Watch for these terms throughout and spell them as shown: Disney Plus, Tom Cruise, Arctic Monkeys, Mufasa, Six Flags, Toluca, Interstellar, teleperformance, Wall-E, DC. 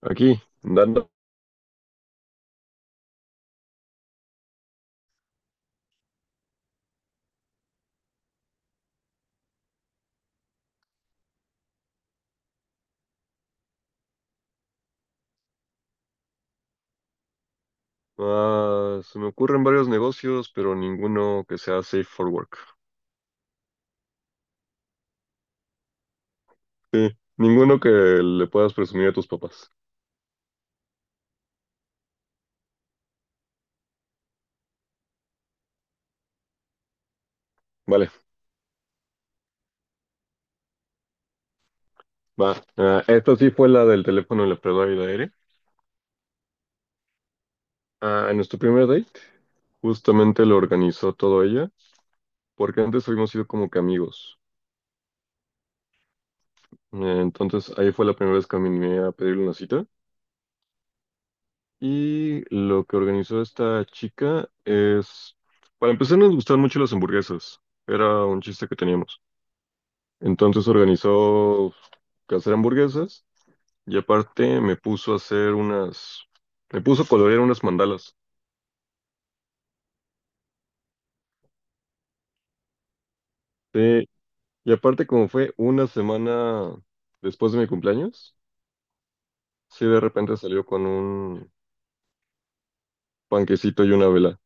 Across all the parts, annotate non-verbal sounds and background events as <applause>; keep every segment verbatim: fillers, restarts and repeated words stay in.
Aquí, dando. Ah, se me ocurren varios negocios, pero ninguno que sea safe for work. Sí, ninguno que le puedas presumir a tus papás. Vale, va. Ah, esta sí fue la del teléfono en la prueba y de aire. Ah, en nuestro primer date, justamente lo organizó todo ella, porque antes habíamos sido como que amigos. Eh, Entonces ahí fue la primera vez que me animé a pedirle una cita. Y lo que organizó esta chica es, para empezar nos gustaban mucho las hamburguesas. Era un chiste que teníamos. Entonces organizó hacer hamburguesas y aparte me puso a hacer unas, me puso a colorear unas mandalas. Sí, y aparte como fue una semana después de mi cumpleaños, sí de repente salió con un panquecito y una vela.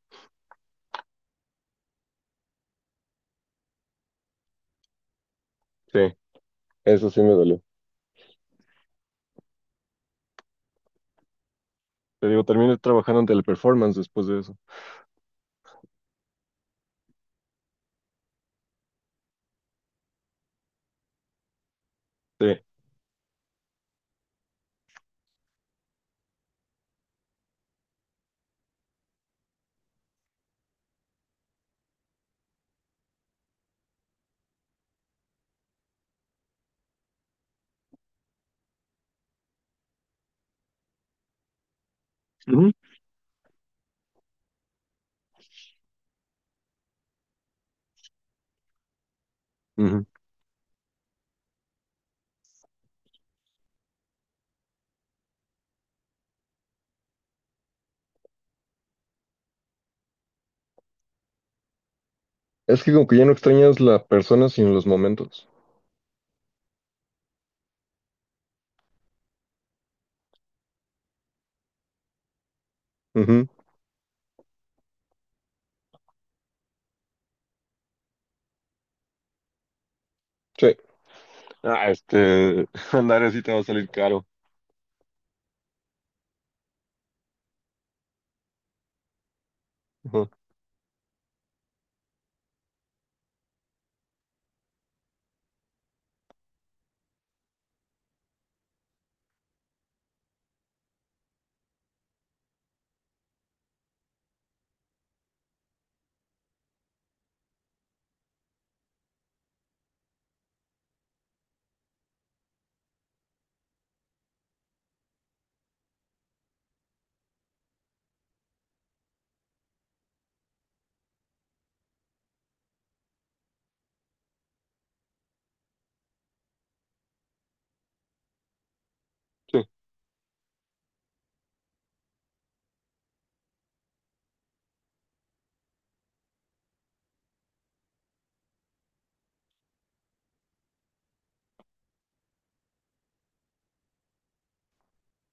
Sí, eso sí me dolió. Te digo, terminé trabajando en teleperformance después de eso. Sí. Ujú. Ujú. Es que como que ya no extrañas la persona sino los momentos. Ujú. Sí. Ah, este, <laughs> andar así te va a salir caro. Ujú.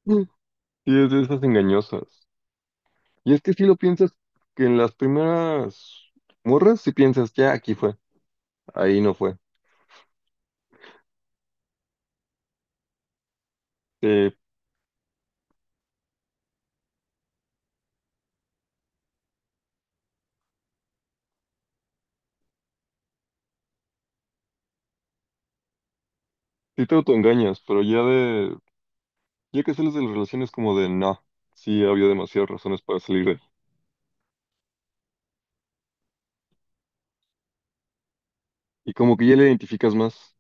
Sí, y es de esas engañosas. Y es que si lo piensas, que en las primeras morras, si piensas, ya aquí fue, ahí no fue. Eh, sí te autoengañas, pero ya de, ya que sales de las relaciones como de, no, sí había demasiadas razones para salir de ahí. Y como que ya le identificas más,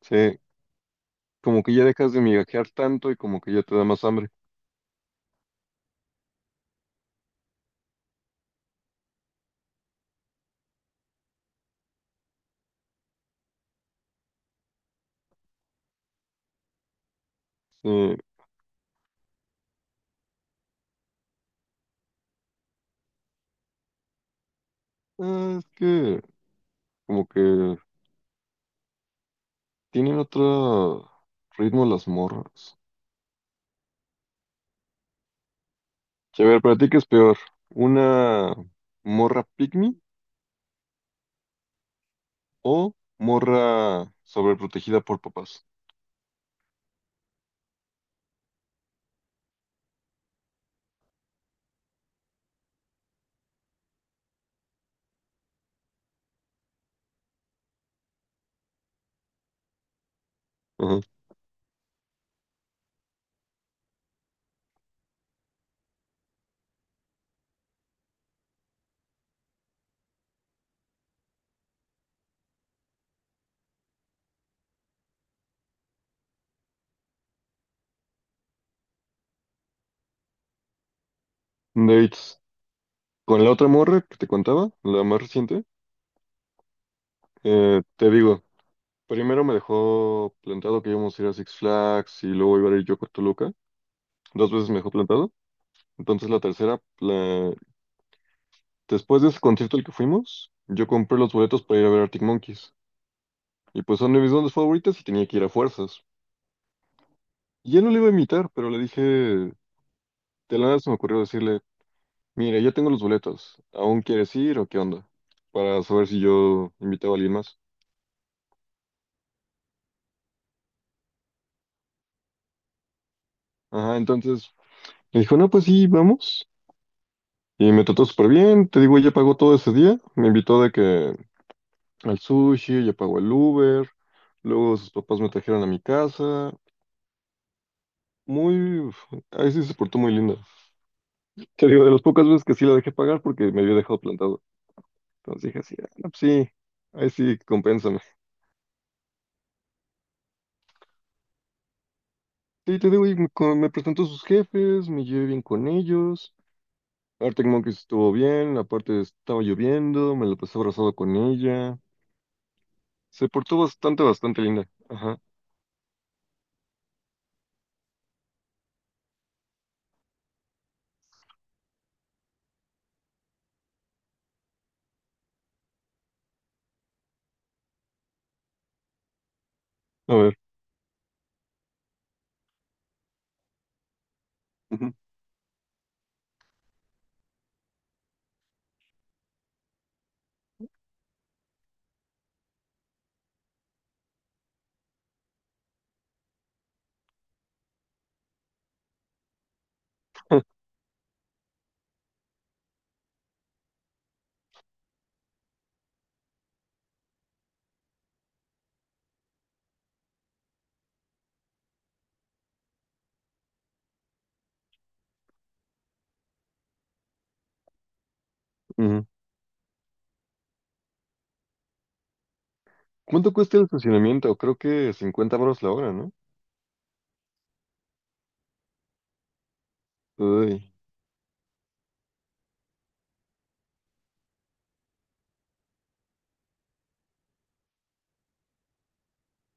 sí, como que ya dejas de migajear tanto y como que ya te da más hambre. Sí, ah, es que como que tienen otro ritmo las morras. Sí. A ver, para ti, ¿qué es peor? ¿Una morra pygmy? ¿O morra sobreprotegida por papás? Ajá. Dates. Con la otra morra que te contaba, la más reciente, eh, te digo, primero me dejó plantado que íbamos a ir a Six Flags y luego iba a ir yo con Toluca. Dos veces me dejó plantado. Entonces la tercera, la- después de ese concierto al que fuimos, yo compré los boletos para ir a ver Arctic Monkeys. Y pues son de mis bandas favoritas y tenía que ir a fuerzas. Y él no le iba a imitar, pero le dije, de la nada se me ocurrió decirle, mira, ya tengo los boletos. ¿Aún quieres ir o qué onda? Para saber si yo invitaba a alguien más. Ajá, entonces me dijo, no, pues sí, vamos. Y me trató súper bien. Te digo, ella pagó todo ese día. Me invitó de que al sushi, ella pagó el Uber. Luego sus papás me trajeron a mi casa. Muy... Ahí sí se portó muy linda. Te digo, de las pocas veces que sí la dejé pagar porque me había dejado plantado. Entonces dije así, ah, no, pues sí, ahí sí, compénsame. Sí, te digo, y me, co- me presentó a sus jefes, me llevé bien con ellos. Arctic Monkeys estuvo bien, aparte estaba lloviendo, me la pasé abrazado con ella. Se portó bastante, bastante linda. Ajá. A ver. Ujú, ujú. ¿Cuánto cuesta el estacionamiento? Creo que cincuenta baros la hora, ¿no? Uy.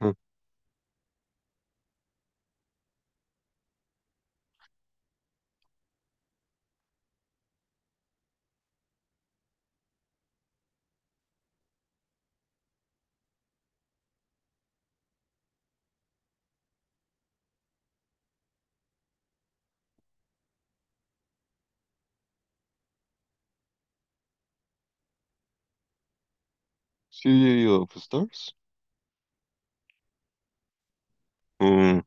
Ujú. ¿Sí of Stars? Mm.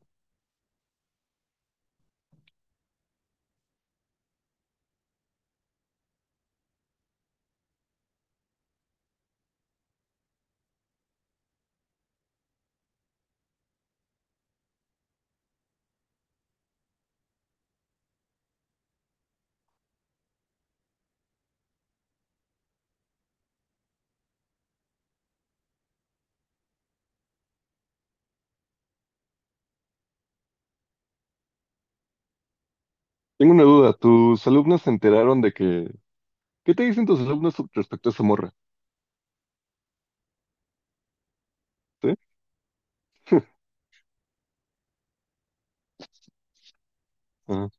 Tengo una duda. ¿Tus alumnos se enteraron de que... qué te dicen tus alumnos respecto a esa morra? ¿Sí? <laughs> Ajá.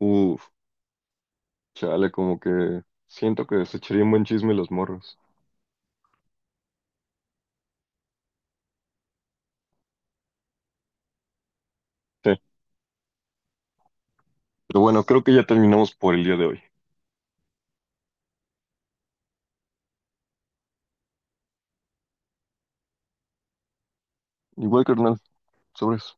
Uf, chale, como que siento que se echaría un buen chisme los morros. Sí. Pero bueno, creo que ya terminamos por el día de hoy. Igual, carnal. Sobres.